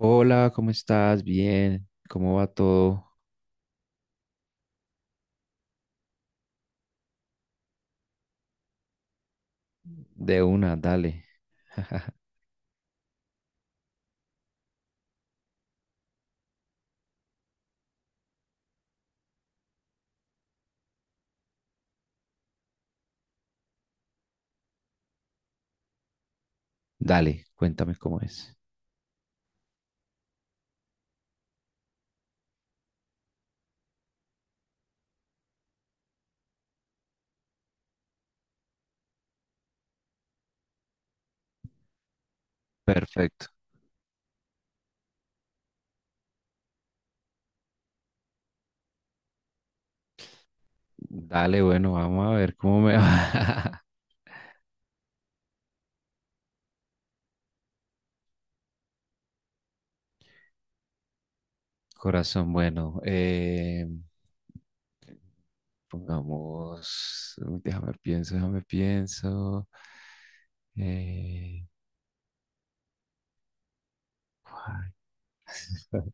Hola, ¿cómo estás? Bien, ¿cómo va todo? De una, dale. Dale, cuéntame cómo es. Perfecto. Dale, bueno, vamos a ver cómo me va. Corazón, bueno, pongamos, déjame pienso. Eh, ¿Cuál?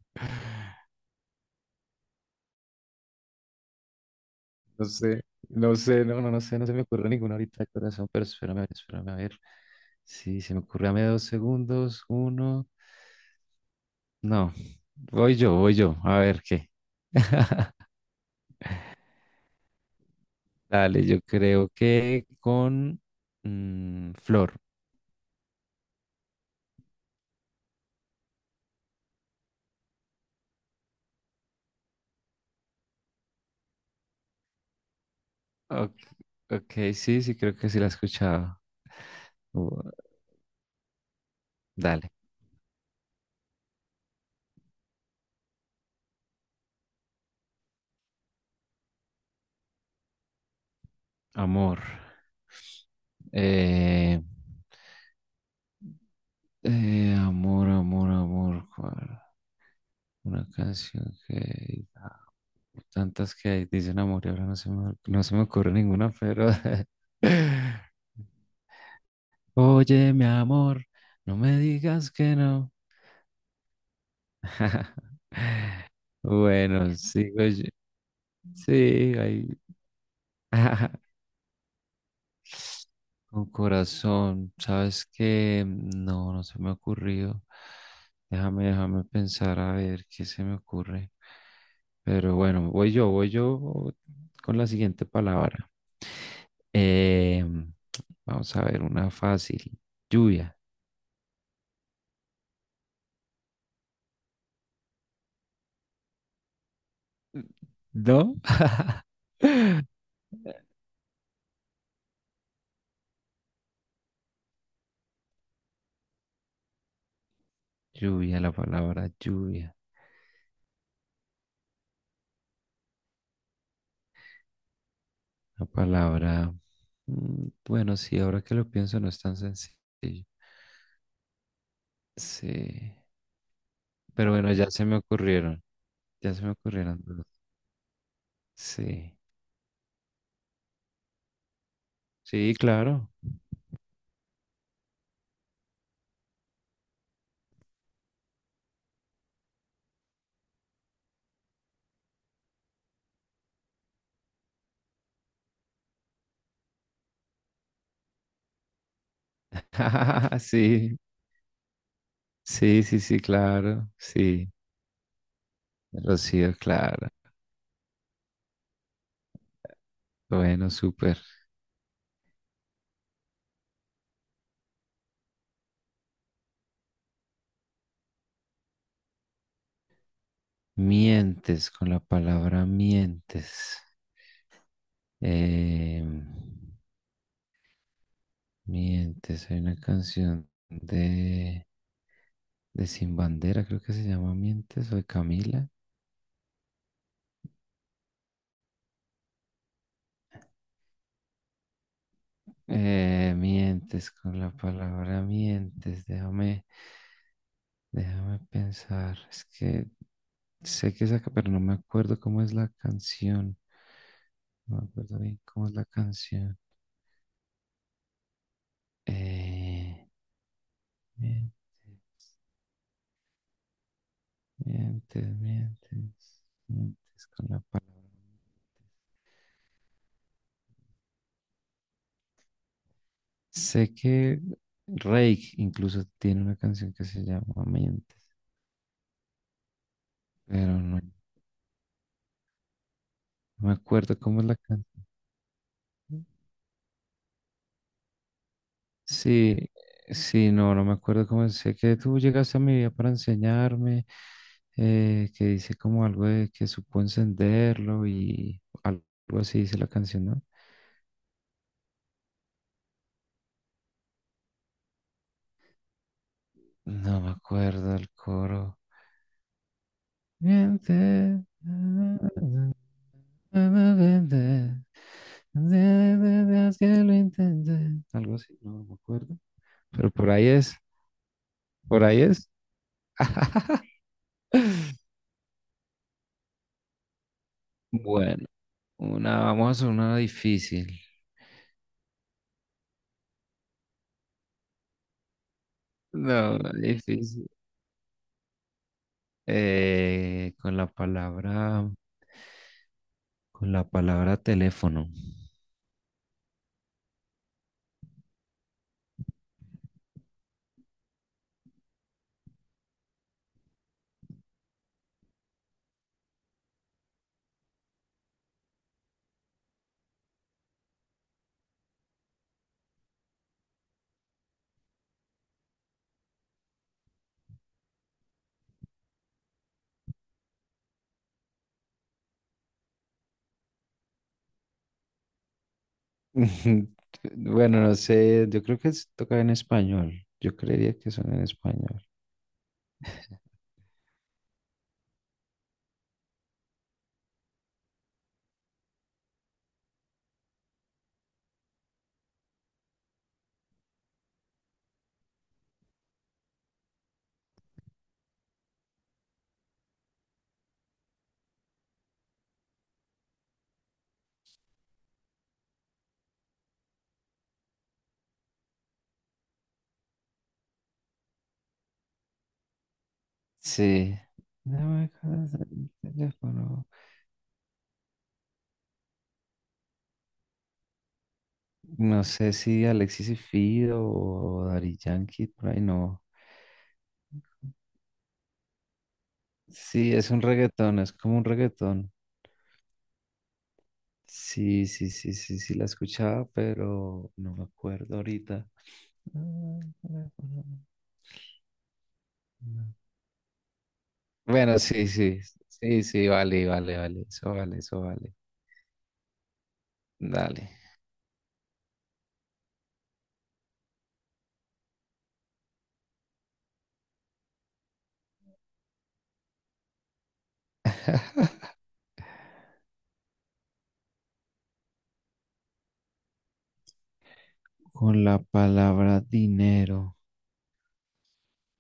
No sé, no sé, no se me ocurre ninguna ahorita de corazón, pero espérame, a ver, espérame, a ver. Sí, se me ocurre, dame dos segundos, uno. No, voy yo, a ver qué. Dale, yo creo que con Flor. Ok, ok, sí, sí, creo que sí la he escuchado. Uh, Dale, amor. Eh, amor. ¿Cuál? Una canción que tantas que hay, dicen amor, y ahora no se me, no se me ocurre ninguna, pero... Oye, mi amor, no me digas que no. Bueno, sigo yo. Sí, ahí. Con corazón, ¿sabes que No, no se me ha ocurrido. Déjame pensar a ver qué se me ocurre. Pero bueno, voy yo con la siguiente palabra. Eh, vamos a ver una fácil. Lluvia. ¿No? Lluvia. La palabra... bueno, sí, ahora que lo pienso no es tan sencillo. Sí. Pero bueno, ya se me ocurrieron. Ya se me ocurrieron dos. Sí. Sí, claro. Sí. Sí, sí, sí, claro. Sí. Rocío, claro. Bueno, súper. Mientes, con la palabra mientes. Eh, Mientes, hay una canción de Sin Bandera, creo que se llama Mientes, o de Camila. Mientes con la palabra mientes, déjame pensar. Es que sé que saca, pero no me acuerdo cómo es la canción. No me acuerdo bien cómo es la canción. Eh, mientes, mientes con la palabra. Sé que Rake incluso tiene una canción que se llama Mientes, pero no me acuerdo cómo es la canción. Sí, sí, no, no me acuerdo cómo es. Sé que tú llegaste a mi vida para enseñarme, que dice como algo de que supo encenderlo y algo así dice la canción, ¿no? No me acuerdo el coro. Mientes. Que lo intenté. Algo así, no me acuerdo. Pero por ahí es. Bueno, una, vamos a hacer una difícil. No, una difícil. Eh, con la palabra, con la palabra teléfono. Bueno, no sé, yo creo que es- toca en español. Yo creería que son en español. Sí. Dame acá el teléfono. No sé si Alexis y Fido o Daddy Yankee, por ahí no. Sí, es un reggaetón, es como un reggaetón. Sí, sí, sí, sí, sí, la escuchaba, pero no me acuerdo ahorita. Bueno, sí, sí, sí, sí, vale, vale, vale, eso vale, eso vale. Dale. Con la palabra dinero.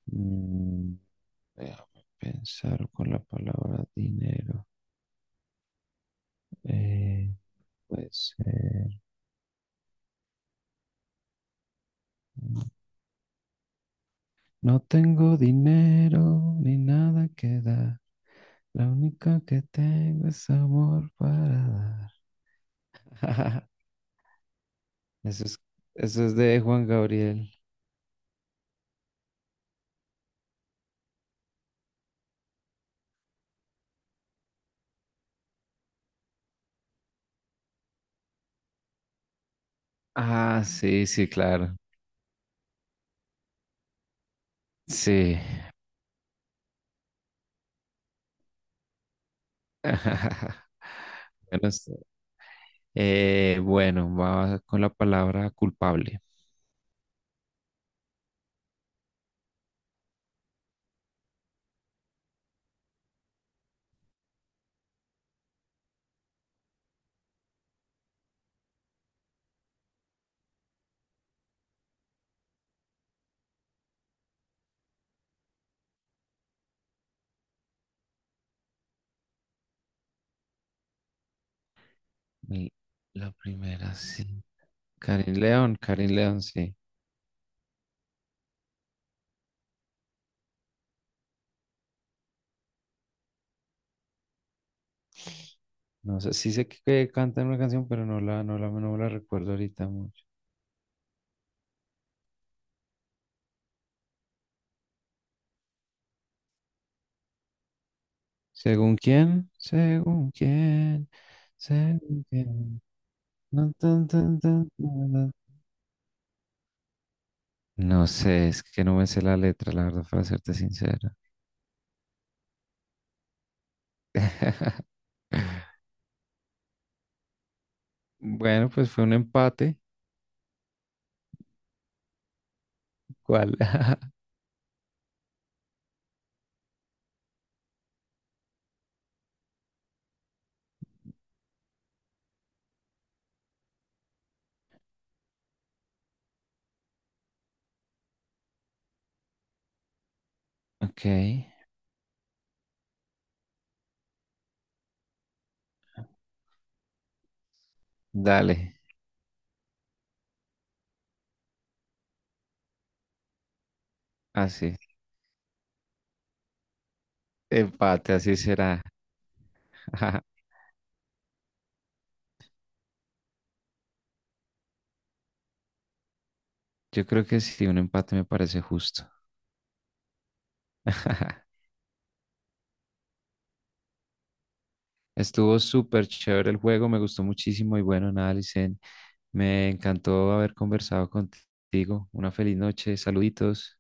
mm, déjame pensar con la palabra dinero. Eh, puede ser. No tengo dinero ni nada que dar. La única que tengo es amor para dar. Eso es, eso es de Juan Gabriel. Ah, sí, sí, claro. Sí. Bueno, sí. Bueno, va con la palabra culpable. Y la primera, sí. Karin León, Karin León, sí. No sé, sí sé que canta una canción, pero no la, no la, no la recuerdo ahorita. ¿Según quién? ¿Según quién? ¿Según quién? Tan, tan, tan, tan, tan, tan. No sé, es que no me sé la letra, la verdad, para serte sincera. Bueno, pues fue un empate. ¿Cuál? Ok, dale, así. Empate, así será. Yo creo que sí, un empate me parece justo. Estuvo súper chévere el juego, me gustó muchísimo y bueno, nada, Licen, me encantó haber conversado contigo. Una feliz noche, saluditos.